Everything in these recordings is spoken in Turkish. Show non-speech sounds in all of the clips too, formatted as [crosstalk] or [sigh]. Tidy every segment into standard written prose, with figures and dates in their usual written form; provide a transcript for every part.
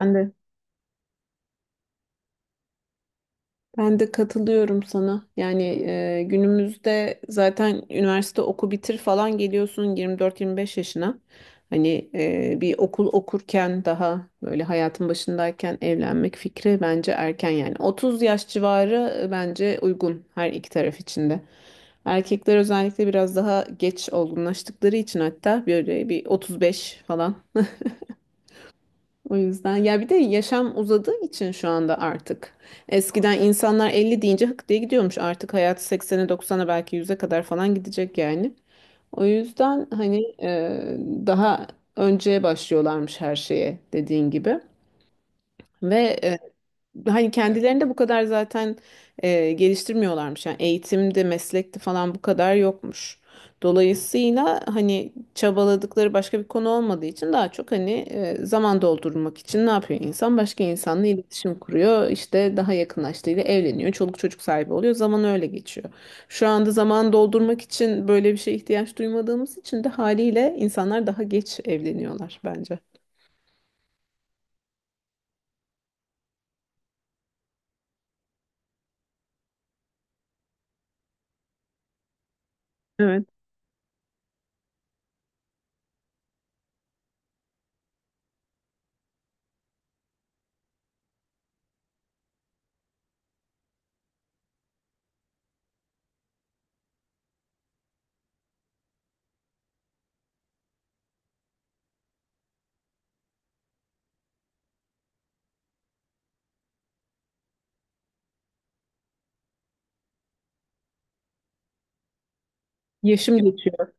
Ben de. Ben de katılıyorum sana. Yani günümüzde zaten üniversite oku bitir falan geliyorsun 24-25 yaşına. Hani bir okul okurken daha böyle hayatın başındayken evlenmek fikri bence erken yani. 30 yaş civarı bence uygun her iki taraf için de. Erkekler özellikle biraz daha geç olgunlaştıkları için hatta böyle bir 35 falan. O yüzden ya bir de yaşam uzadığı için şu anda artık. Eskiden insanlar 50 deyince hık diye gidiyormuş. Artık hayat 80'e 90'a belki yüze kadar falan gidecek yani. O yüzden hani daha önceye başlıyorlarmış her şeye dediğin gibi. Ve e, hani kendilerini de bu kadar zaten geliştirmiyorlarmış. Yani eğitimde, meslekte falan bu kadar yokmuş. Dolayısıyla hani çabaladıkları başka bir konu olmadığı için daha çok hani zaman doldurmak için ne yapıyor insan? Başka insanla iletişim kuruyor. İşte daha yakınlaştığıyla evleniyor. Çoluk çocuk sahibi oluyor. Zaman öyle geçiyor. Şu anda zaman doldurmak için böyle bir şeye ihtiyaç duymadığımız için de haliyle insanlar daha geç evleniyorlar bence. Evet. Yaşım geçiyor.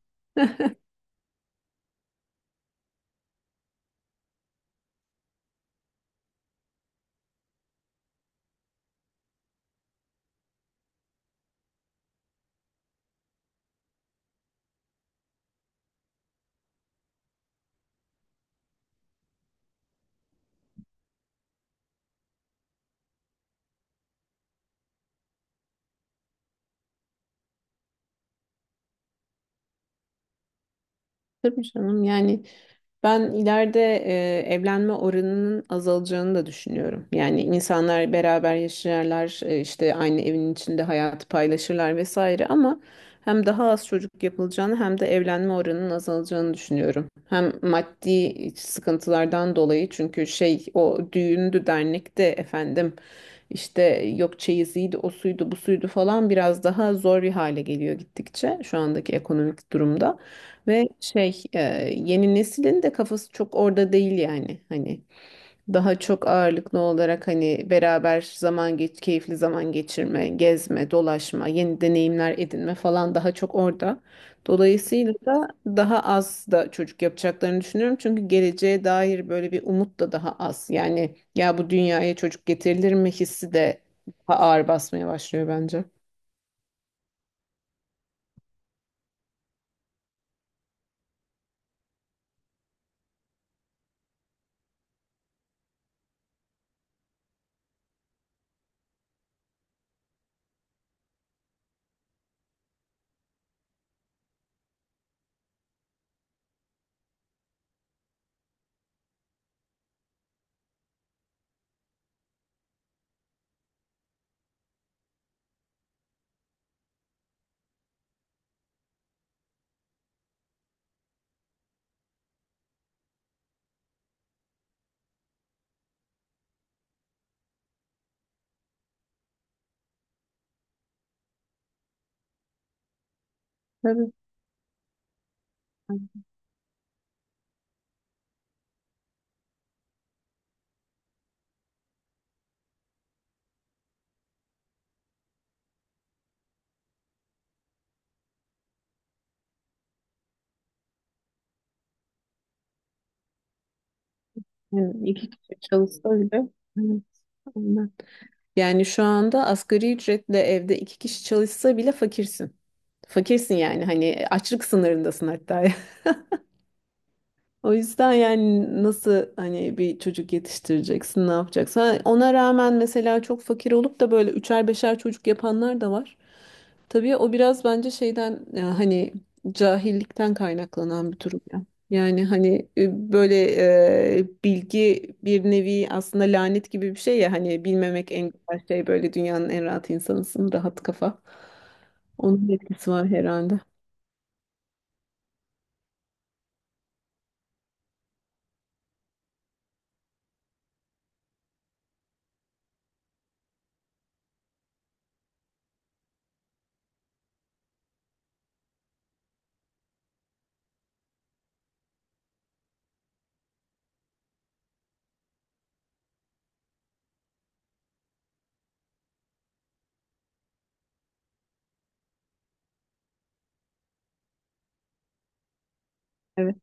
Tabii canım yani. Ben ileride evlenme oranının azalacağını da düşünüyorum. Yani insanlar beraber yaşarlar, işte aynı evin içinde hayatı paylaşırlar vesaire, ama hem daha az çocuk yapılacağını hem de evlenme oranının azalacağını düşünüyorum. Hem maddi sıkıntılardan dolayı çünkü şey o düğündü dernekte efendim işte yok çeyiziydi o suydu bu suydu falan biraz daha zor bir hale geliyor gittikçe şu andaki ekonomik durumda. Ve şey yeni neslin de kafası çok orada değil yani, hani daha çok ağırlıklı olarak hani beraber zaman geç keyifli zaman geçirme, gezme, dolaşma, yeni deneyimler edinme falan daha çok orada. Dolayısıyla da daha az da çocuk yapacaklarını düşünüyorum. Çünkü geleceğe dair böyle bir umut da daha az. Yani ya bu dünyaya çocuk getirilir mi hissi de daha ağır basmaya başlıyor bence. Tabii. Yani iki kişi çalışsa bile, evet, aynen. Yani şu anda asgari ücretle evde iki kişi çalışsa bile fakirsin. Fakirsin yani hani açlık sınırındasın hatta. [laughs] O yüzden yani nasıl hani bir çocuk yetiştireceksin, ne yapacaksın? Ha, ona rağmen mesela çok fakir olup da böyle üçer beşer çocuk yapanlar da var. Tabii o biraz bence şeyden ya hani cahillikten kaynaklanan bir durum ya. Yani hani böyle bilgi bir nevi aslında lanet gibi bir şey ya hani bilmemek en güzel şey, böyle dünyanın en rahat insanısın, rahat kafa. Onun etkisi var herhalde. Evet.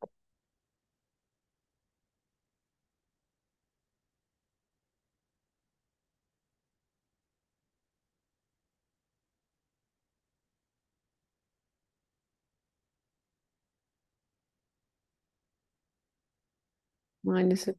Maalesef.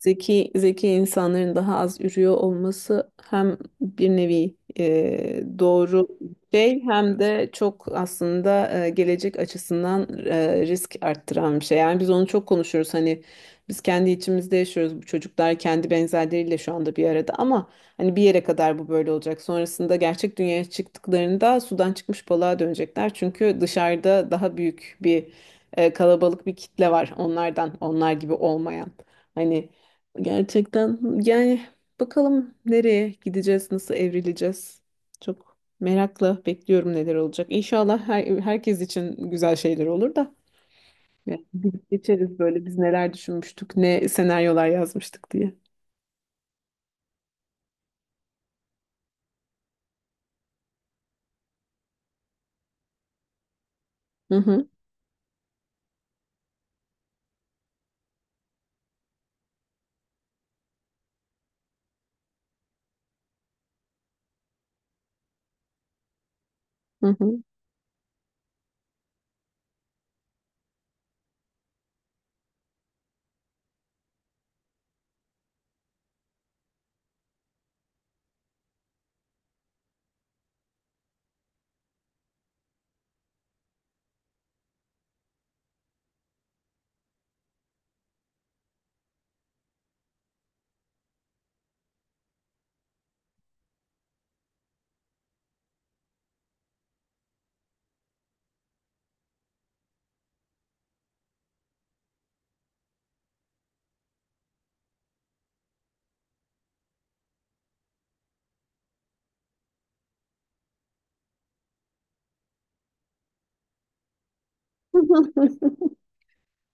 Zeki zeki insanların daha az ürüyor olması hem bir nevi doğru şey hem de çok aslında gelecek açısından risk arttıran bir şey. Yani biz onu çok konuşuyoruz. Hani biz kendi içimizde yaşıyoruz. Bu çocuklar kendi benzerleriyle şu anda bir arada ama hani bir yere kadar bu böyle olacak. Sonrasında gerçek dünyaya çıktıklarında sudan çıkmış balığa dönecekler. Çünkü dışarıda daha büyük bir kalabalık bir kitle var onlardan, onlar gibi olmayan. Hani gerçekten yani bakalım nereye gideceğiz, nasıl evrileceğiz. Çok merakla bekliyorum neler olacak. İnşallah her, herkes için güzel şeyler olur da. Yani biz geçeriz böyle biz neler düşünmüştük, ne senaryolar yazmıştık diye. Hı hı, hı hı. [laughs]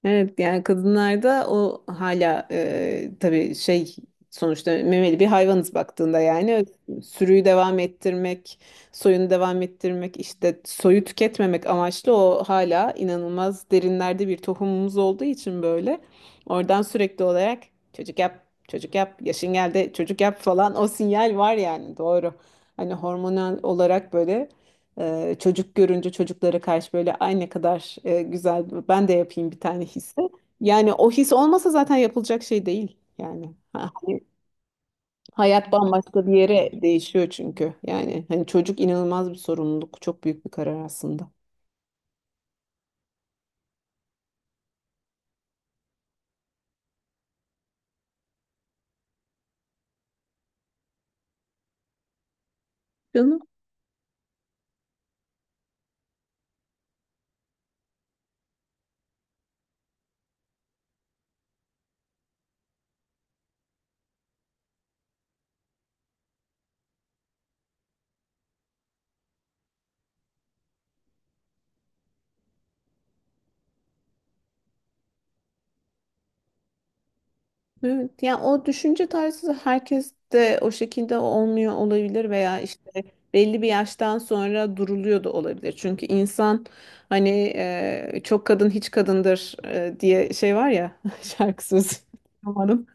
Evet yani kadınlarda o hala tabii şey, sonuçta memeli bir hayvanız baktığında yani, sürüyü devam ettirmek, soyunu devam ettirmek işte soyu tüketmemek amaçlı o hala inanılmaz derinlerde bir tohumumuz olduğu için böyle oradan sürekli olarak çocuk yap, çocuk yap, yaşın geldi çocuk yap falan o sinyal var yani, doğru. Hani hormonal olarak böyle çocuk görünce çocuklara karşı böyle ay ne kadar güzel ben de yapayım bir tane hissi. Yani o his olmasa zaten yapılacak şey değil yani. Hani hayat bambaşka bir yere değişiyor çünkü. Yani hani çocuk inanılmaz bir sorumluluk, çok büyük bir karar aslında. Canım. Evet, yani o düşünce tarzı herkes de o şekilde olmuyor olabilir veya işte belli bir yaştan sonra duruluyor da olabilir. Çünkü insan hani çok kadın hiç kadındır diye şey var ya [laughs] şarkı sözü umarım.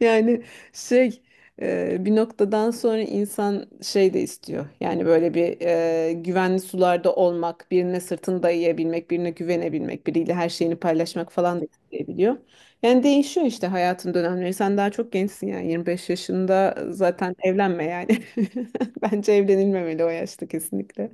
Yani şey bir noktadan sonra insan şey de istiyor. Yani böyle bir güvenli sularda olmak, birine sırtını dayayabilmek, birine güvenebilmek, biriyle her şeyini paylaşmak falan da isteyebiliyor. Yani değişiyor işte hayatın dönemleri. Sen daha çok gençsin yani 25 yaşında zaten evlenme yani. [laughs] Bence evlenilmemeli o yaşta kesinlikle.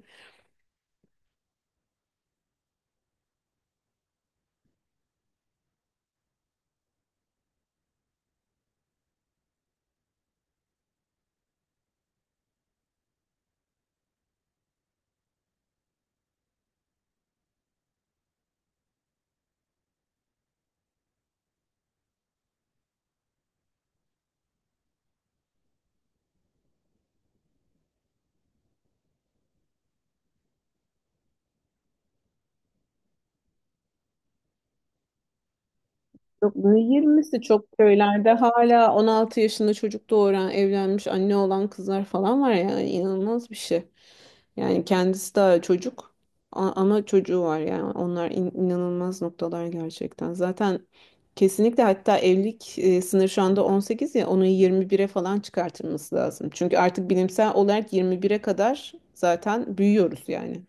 Yok, böyle 20'si çok köylerde hala 16 yaşında çocuk doğuran, evlenmiş anne olan kızlar falan var yani inanılmaz bir şey. Yani kendisi daha çocuk, ama çocuğu var yani onlar inanılmaz noktalar gerçekten. Zaten kesinlikle hatta evlilik sınırı şu anda 18 ya onu 21'e falan çıkartılması lazım. Çünkü artık bilimsel olarak 21'e kadar zaten büyüyoruz yani.